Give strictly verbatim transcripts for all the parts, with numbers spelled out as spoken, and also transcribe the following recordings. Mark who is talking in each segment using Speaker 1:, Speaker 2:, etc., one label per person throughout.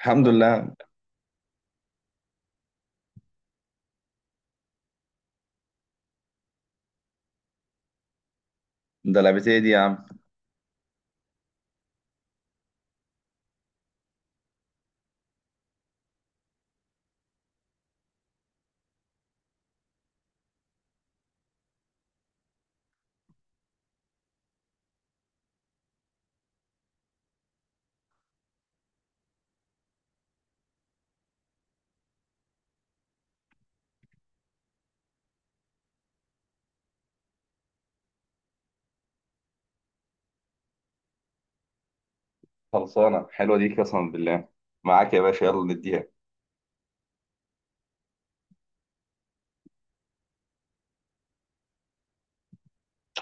Speaker 1: الحمد لله. ده لعبتي دي يا عم. خلصانة حلوة دي قسما بالله، معاك يا باشا يلا نديها.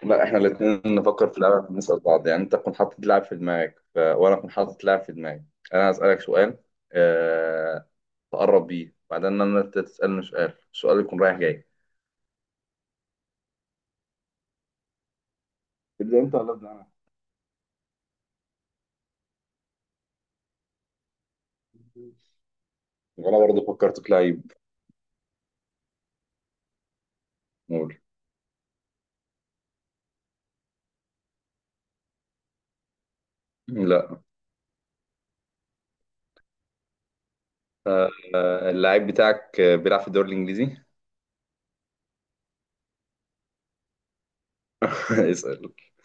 Speaker 1: لا احنا الاتنين نفكر في لعبة نسأل بعض، يعني انت تكون حاطط لعب في دماغك ف... وانا اكون حاطط لعب في دماغي. انا هسألك سؤال، أه... تقرب بيه بعدين انا انت تسألني سؤال، السؤال يكون رايح جاي. تبدأ انت ولا ابدأ انا؟ وانا برضه فكرت في لعيب. قول. لا. أه... آه، اللعيب بتاعك آه، بيلعب في الدوري الانجليزي. اسأل.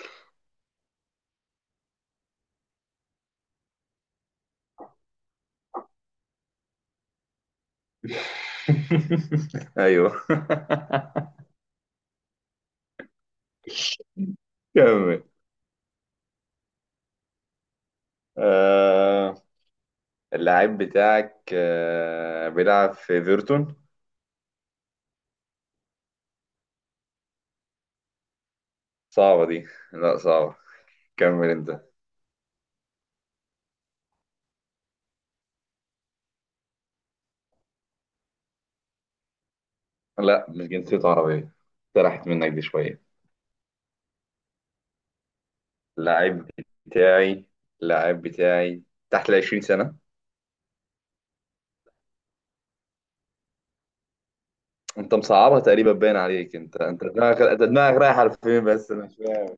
Speaker 1: ايوه. كمل. آه، اللاعب بتاعك آه بيلعب في ايفرتون. صعبة دي، لا صعبة. كمل انت. لا مش جنسيته عربية، سرحت منك دي شوية. اللاعب بتاعي، اللاعب بتاعي تحت ال عشرين سنة. انت مصعبها تقريبا باين عليك، انت انت دماغك، انت دماغك رايحة لفين بس انا مش فاهم.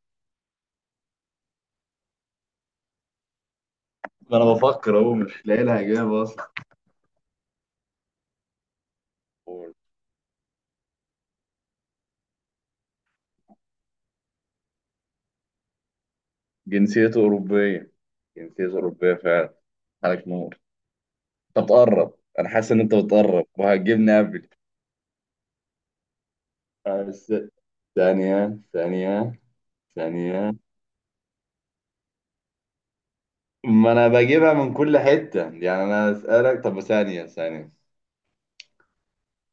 Speaker 1: ما انا بفكر اهو، مش لاقي لها اجابة اصلا. جنسيته أوروبية؟ جنسيته أوروبية فعلا؟ عليك نور، أنت بتقرب. أنا حاسس إن أنت بتقرب وهتجيبني قبل. بس ثانية ثانية ثانية، ما أنا بجيبها من كل حتة، يعني أنا أسألك، طب ثانية ثانية.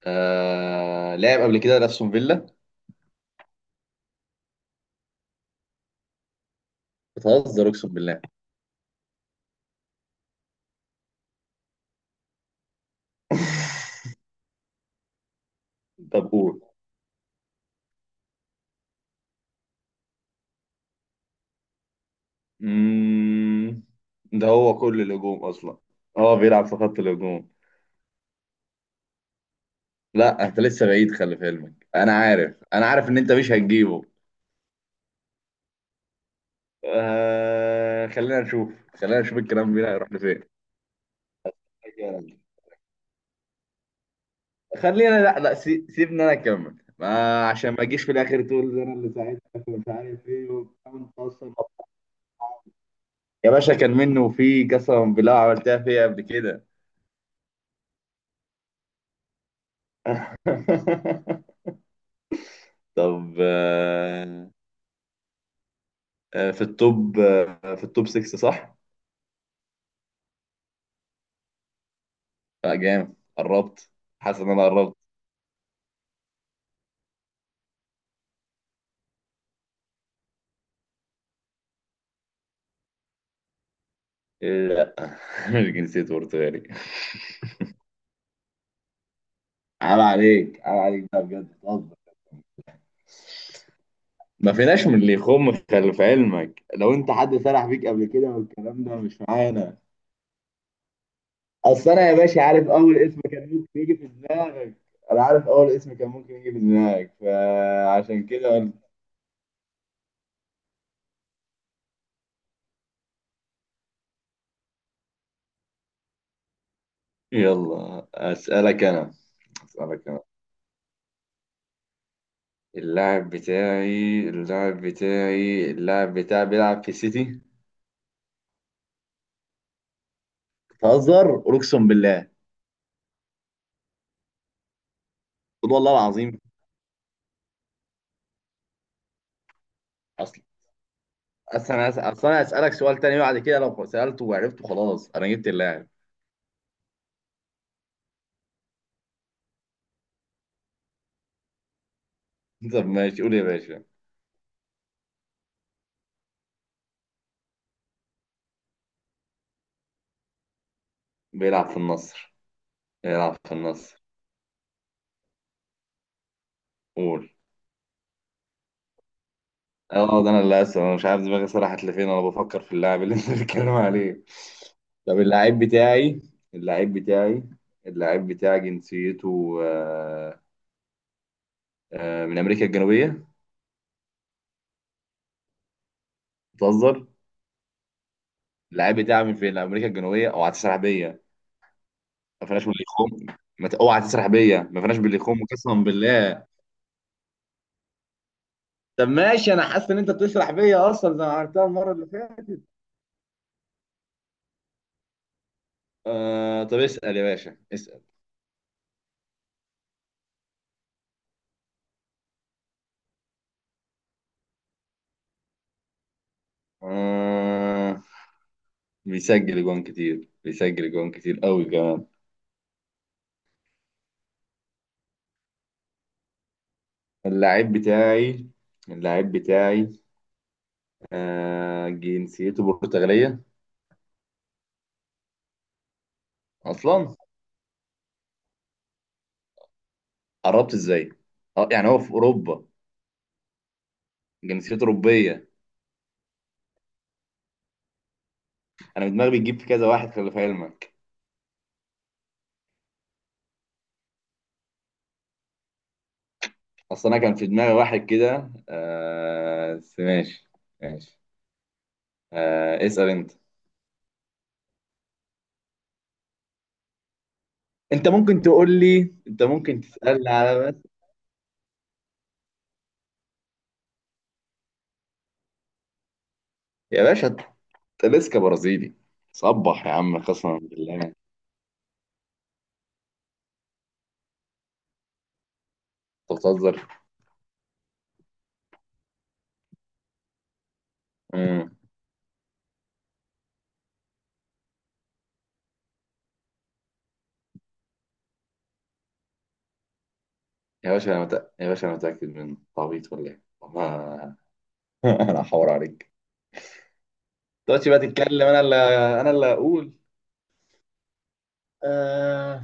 Speaker 1: آه... لعب قبل كده لأستون فيلا؟ بتهزر أقسم بالله. طب قول. مم... ده هو كل الهجوم أصلا. أه بيلعب في خط الهجوم. لا أنت لسه بعيد، خلي في علمك أنا عارف، أنا عارف إن أنت مش هتجيبه. آه... خلينا نشوف، خلينا نشوف الكلام بينا هيروح لفين. خلينا، لا لا سي- سيبني انا اكمل، ما عشان ما اجيش في الاخر تقول ده انا اللي ساعدتك ومش عارف ايه وبتاع وانت اصلا. يا باشا كان منه في قسما بالله، عملتها فيا قبل كده. طب آه، آه، في التوب، آه، في التوب ستة صح؟ لا جامد، قربت. حاسس ان انا قربت. إيه، لا. مش جنسية برتغالي. عيب عليك، عيب عليك ده بجد، بتهزر. ما فيناش من اللي يخم، خلف علمك لو انت حد سرح بيك قبل كده، والكلام ده مش معانا. اصل انا يا باشا عارف اول اسم كان ممكن يجي في دماغك. انا عارف اول اسم كان ممكن يجي في دماغك فعشان كده قلت. يلا أسألك أنا، أسألك أنا. اللاعب بتاعي اللاعب بتاعي اللاعب بتاعي بيلعب في السيتي. بتهزر اقسم بالله. قول والله العظيم. اصل، اصل انا أس- اصل انا اسالك سؤال تاني بعد كده، لو سالته وعرفته خلاص انا جبت اللاعب. طب ماشي، قول يا باشا. بيلعب في النصر؟ بيلعب في النصر. قول. اه ده انا اللي اسف، انا مش عارف دماغي سرحت لفين، انا بفكر في اللاعب اللي انت بتتكلم عليه. طب اللاعب بتاعي، اللاعب بتاعي اللاعب بتاعي جنسيته آه، آه، من امريكا الجنوبيه. بتهزر. اللاعب بتاعي من فين؟ امريكا الجنوبيه، اوعى تسرح بيا. ما فيناش باللي يخم، ما ت- اوعى تسرح بيا، ما فيناش باللي يخم قسما بالله. طب ماشي، انا حاسس ان انت بتسرح بيا اصلا زي ما عملتها المره اللي فاتت. آه طب اسال يا باشا، اسال. آه بيسجل جوان كتير؟ بيسجل جوان كتير، قوي كمان. اللاعب بتاعي اللاعب بتاعي آه جنسيته برتغالية؟ أصلا قربت إزاي؟ أه يعني هو في أوروبا. جنسيته أوروبية. أنا دماغي بتجيب في كذا واحد، خلي في علمك. أصلا أنا كان في دماغي واحد كده آه، بس ماشي، ماشي. آه اسأل أنت. أنت ممكن تقول لي، أنت ممكن تسألني على بس. يا باشا تلسكا برازيلي، صبح يا عم قسما بالله أنت. بتهزر. مم. يا باشا أنا متأ... يا باشا أنا متأكد منه، أنت عبيط ولا إيه؟ والله. انا هحور عليك. دلوقتي بقى تتكلم، انا اللي انا اللي اقول. آه...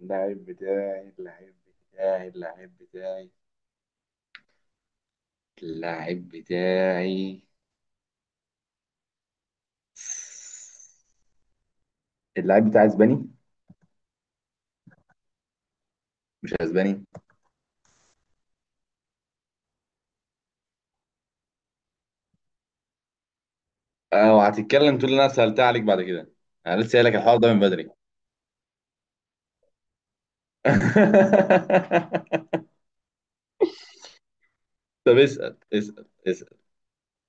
Speaker 1: اللعيب بتاعي اللعيب بتاعي اللعيب بتاعي اللعيب بتاعي اللعيب بتاعي اسباني؟ مش اسباني. اه وهتتكلم تقول لي انا سألتها عليك بعد كده، انا لسه قايل لك الحوار ده من بدري. طب اسأل، اسأل اسأل.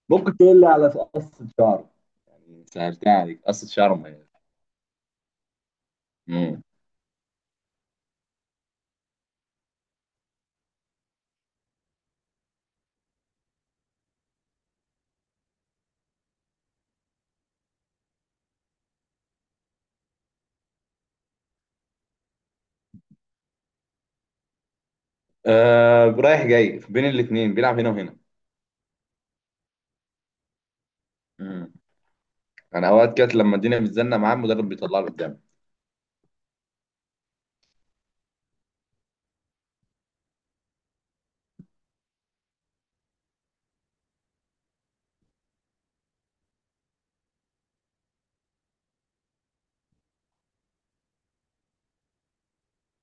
Speaker 1: ممكن تقول لي على قصة شعر، يعني سألتها عليك قصة شعر مميز. مم. آه رايح جاي بين الاثنين، بيلعب هنا وهنا. مم. انا اوقات كانت لما الدنيا بتزنق معاه المدرب بيطلع له قدام.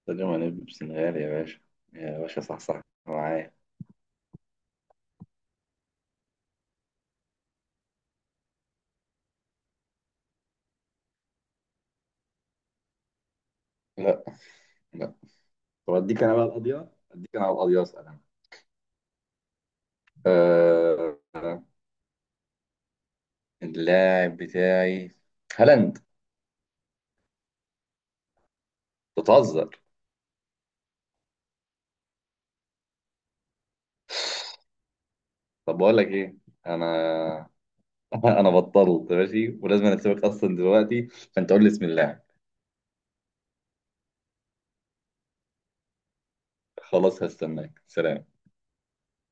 Speaker 1: قلت له انا ابن سنغال يا باشا. يا باشا صح، صح، معايا. لا، لا. طب اديك انا بقى القضيه، اديك انا على القضيه، اسال انا. أه... آه، اللاعب بتاعي هالاند. بتهزر. طب بقول لك ايه، انا انا بطلت ماشي، ولازم أنا اسيبك اصلا دلوقتي، فانت قول لي اسم اللاعب. خلاص هستناك، سلام.